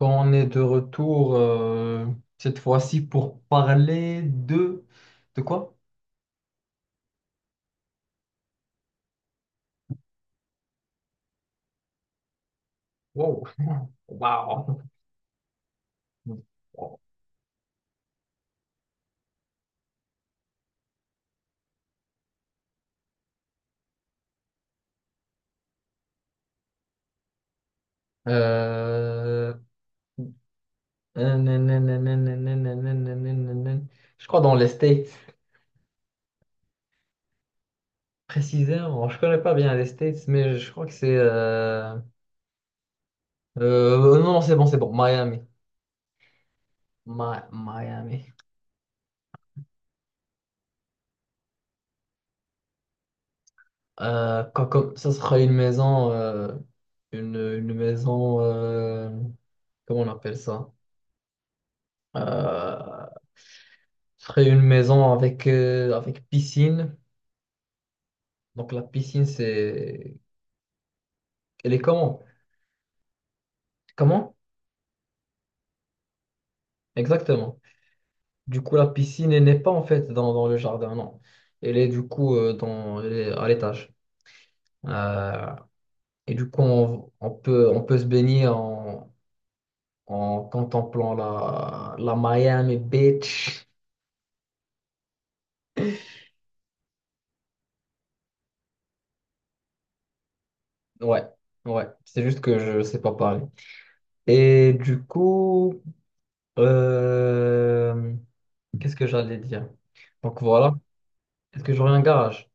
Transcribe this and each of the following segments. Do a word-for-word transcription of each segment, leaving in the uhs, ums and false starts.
On est de retour euh, cette fois-ci pour parler de de quoi? Wow, wow. Euh, Je crois dans les States. Précisément, je connais pas bien les States, mais je crois que c'est euh, euh, non, c'est bon, c'est bon, Miami, Mi- Miami. Euh, co- comme, ça sera une maison, euh, une, une maison, euh, comment on appelle ça? Euh, Ce serait une maison avec, euh, avec piscine. Donc la piscine, c'est... Elle est comment? Comment? Exactement. Du coup, la piscine, elle n'est pas en fait dans, dans le jardin, non. Elle est du coup euh, dans, elle est à l'étage. Euh, et du coup, on, on peut, on peut se baigner en, en contemplant la, la Miami Beach. Ouais, ouais. C'est juste que je sais pas parler. Et du coup, euh, qu'est-ce que j'allais dire? Donc voilà. Est-ce que j'aurais un garage?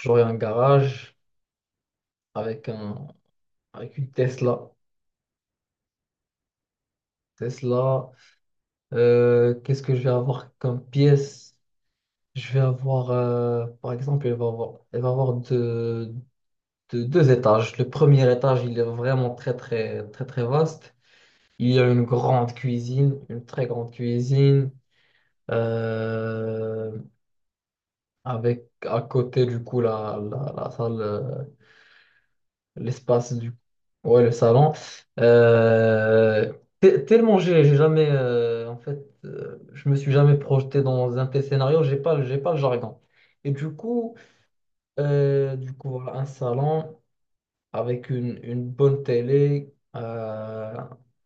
J'aurais un garage avec un avec une Tesla. Tesla. Euh, qu'est-ce que je vais avoir comme pièce? Je vais avoir, euh, par exemple, elle va avoir, elle va avoir deux, deux- deux étages. Le premier étage, il est vraiment très très très très vaste. Il y a une grande cuisine, une très grande cuisine, euh, avec à côté du coup la, la, la salle. euh, L'espace du... Ouais, le salon. Euh, t- tellement j'ai j'ai jamais... euh, en fait, euh, je me suis jamais projeté dans un tel scénario. J'ai pas, j'ai pas le jargon. Et du coup, euh, du coup, voilà, un salon avec une, une bonne télé, euh,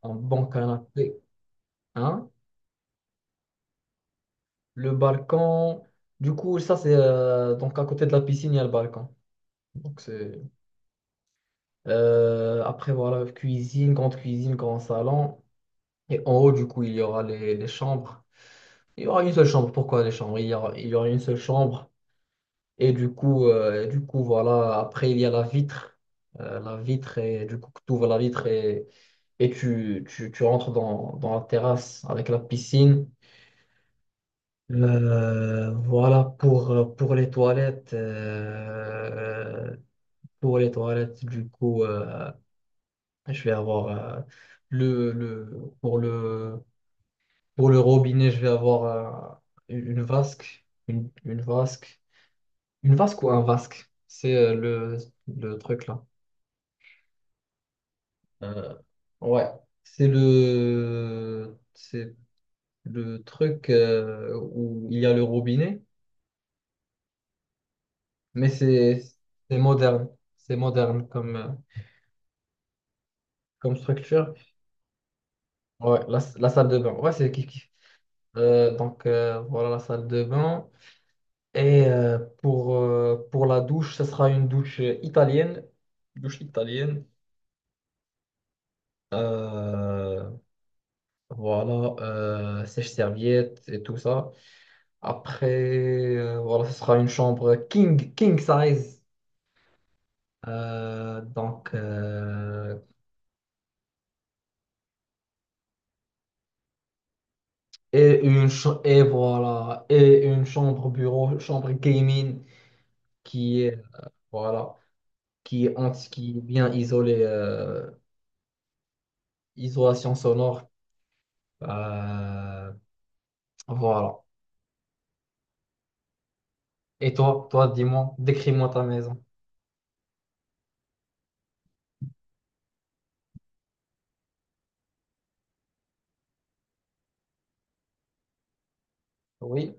un bon canapé, hein, le balcon. Du coup, ça, c'est... euh, donc, à côté de la piscine, il y a le balcon. Donc, c'est... euh, après, voilà, cuisine, grande cuisine, grand salon. Et en haut, du coup, il y aura les, les chambres. Il y aura une seule chambre. Pourquoi les chambres? Il y aura, il y aura une seule chambre. Et du coup, euh, et du coup, voilà. Après, il y a la vitre. Euh, la vitre, et du coup, tu ouvres la vitre et, et tu, tu, tu rentres dans, dans la terrasse avec la piscine. Euh, voilà pour, euh, pour les toilettes. euh, pour les toilettes, du coup, euh, je vais avoir euh, le, le, pour le. Pour le robinet, je vais avoir euh, une vasque. Une, une vasque. Une vasque ou un vasque? C'est euh, le, le truc là. Euh, ouais. C'est le, c'est le truc euh, où il y a le robinet, mais c'est c'est moderne. C'est moderne comme, euh, comme structure. Ouais, la, la salle de bain. Ouais, c'est kiff kiff. Euh, donc euh, voilà la salle de bain. Et euh, pour, euh, pour la douche, ce sera une douche euh, italienne. Douche italienne. Euh, voilà, euh, sèche-serviette et tout ça. Après, euh, voilà, ce sera une chambre king, king size. Euh, donc, euh, et, une cha- et voilà, et une chambre bureau, chambre gaming qui est, voilà, qui est, anti- qui est bien isolée, euh, isolation sonore. Euh, voilà. Et toi, toi, dis-moi, décris-moi ta maison. Oui,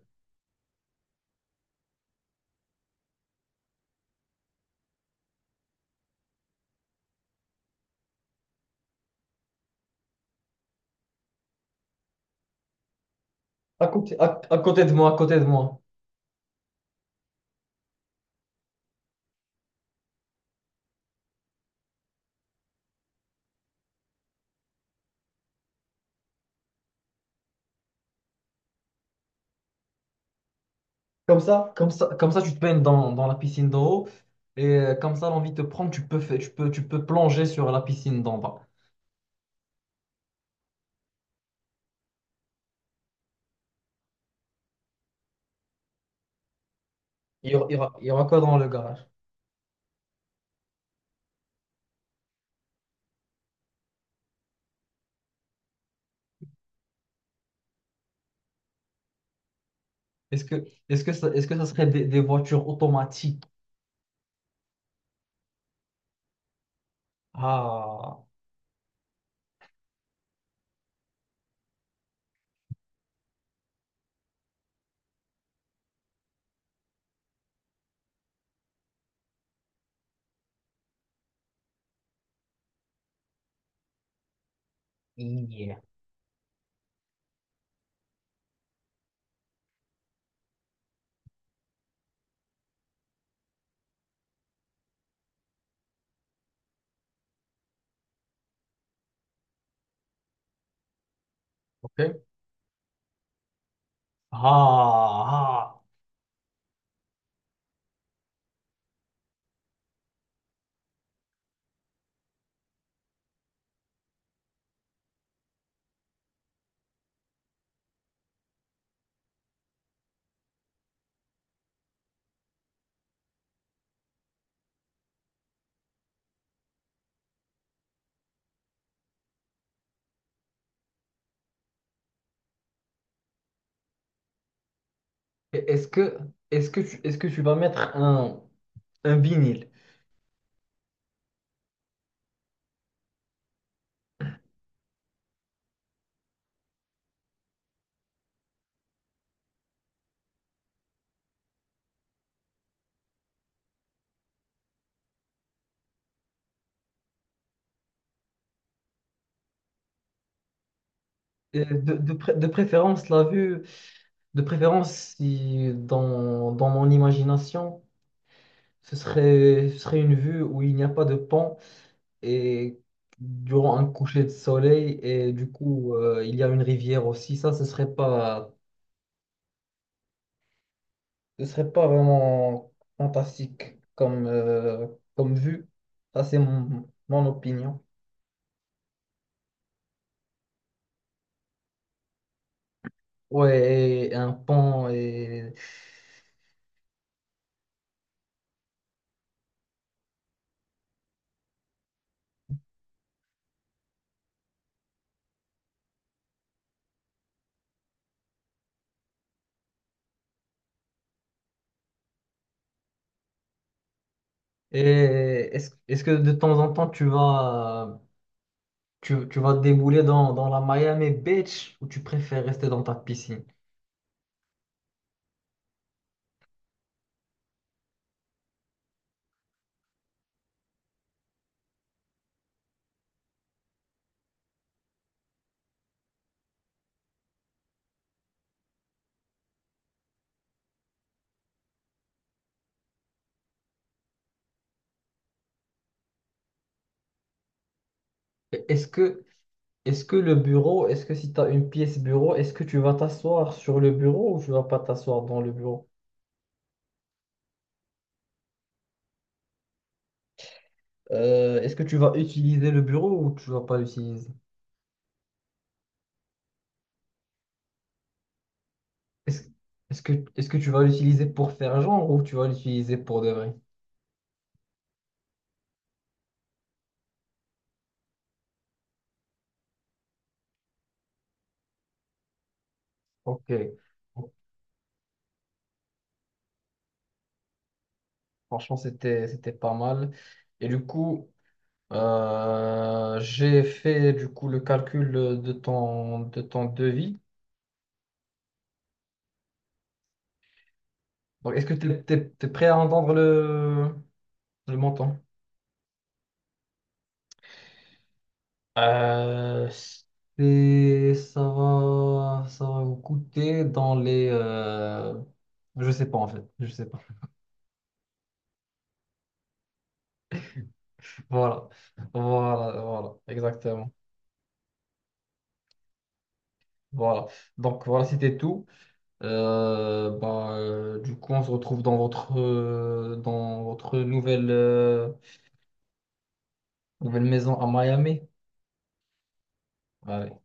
à côté, à, à côté de moi, à côté de moi. Comme ça, comme ça, comme ça, tu te baignes dans, dans la piscine d'en haut et euh, comme ça, l'envie te prend, tu peux faire, tu peux, tu peux plonger sur la piscine d'en bas. Il y aura, il y aura, il y aura quoi dans le garage? Est-ce que, est-ce que ça, est-ce que ça serait des, des voitures automatiques? Ah, yeah. Ok. Ah, ah. Et Est-ce que, est-ce que tu, est-ce que tu vas mettre un, un vinyle? Euh, De, de, pré- de préférence, la vue. De préférence, si dans, dans mon imagination, ce serait, ce serait une vue où il n'y a pas de pont et durant un coucher de soleil et du coup euh, il y a une rivière aussi. Ça, ce serait pas, ce serait pas vraiment fantastique comme, euh, comme vue. Ça, c'est mon, mon opinion. Ouais, et un pont et, et est-ce, est-ce que de temps en temps tu vas Tu, tu vas débouler dans, dans la Miami Beach ou tu préfères rester dans ta piscine? Et Est-ce que, est-ce que le bureau, est-ce que si tu as une pièce bureau, est-ce que tu vas t'asseoir sur le bureau ou tu vas pas t'asseoir dans le bureau? Euh, est-ce que tu vas utiliser le bureau ou tu vas pas l'utiliser? Est-ce, est-ce que, est-ce que tu vas l'utiliser pour faire genre ou tu vas l'utiliser pour de vrai? Ok, bon, franchement, c'était, c'était pas mal. Et du coup, euh, j'ai fait du coup le calcul de ton, de ton devis. Donc, est-ce que tu es, prêt à entendre le, le montant? Euh, c'est- ça va, ça va vous coûter dans les... euh, je sais pas en fait, je sais pas. Voilà, voilà, voilà, exactement. Voilà. Donc voilà, c'était tout. Euh, bah, euh, du coup, on se retrouve dans votre, euh, dans votre nouvelle, euh, nouvelle maison à Miami. Allez.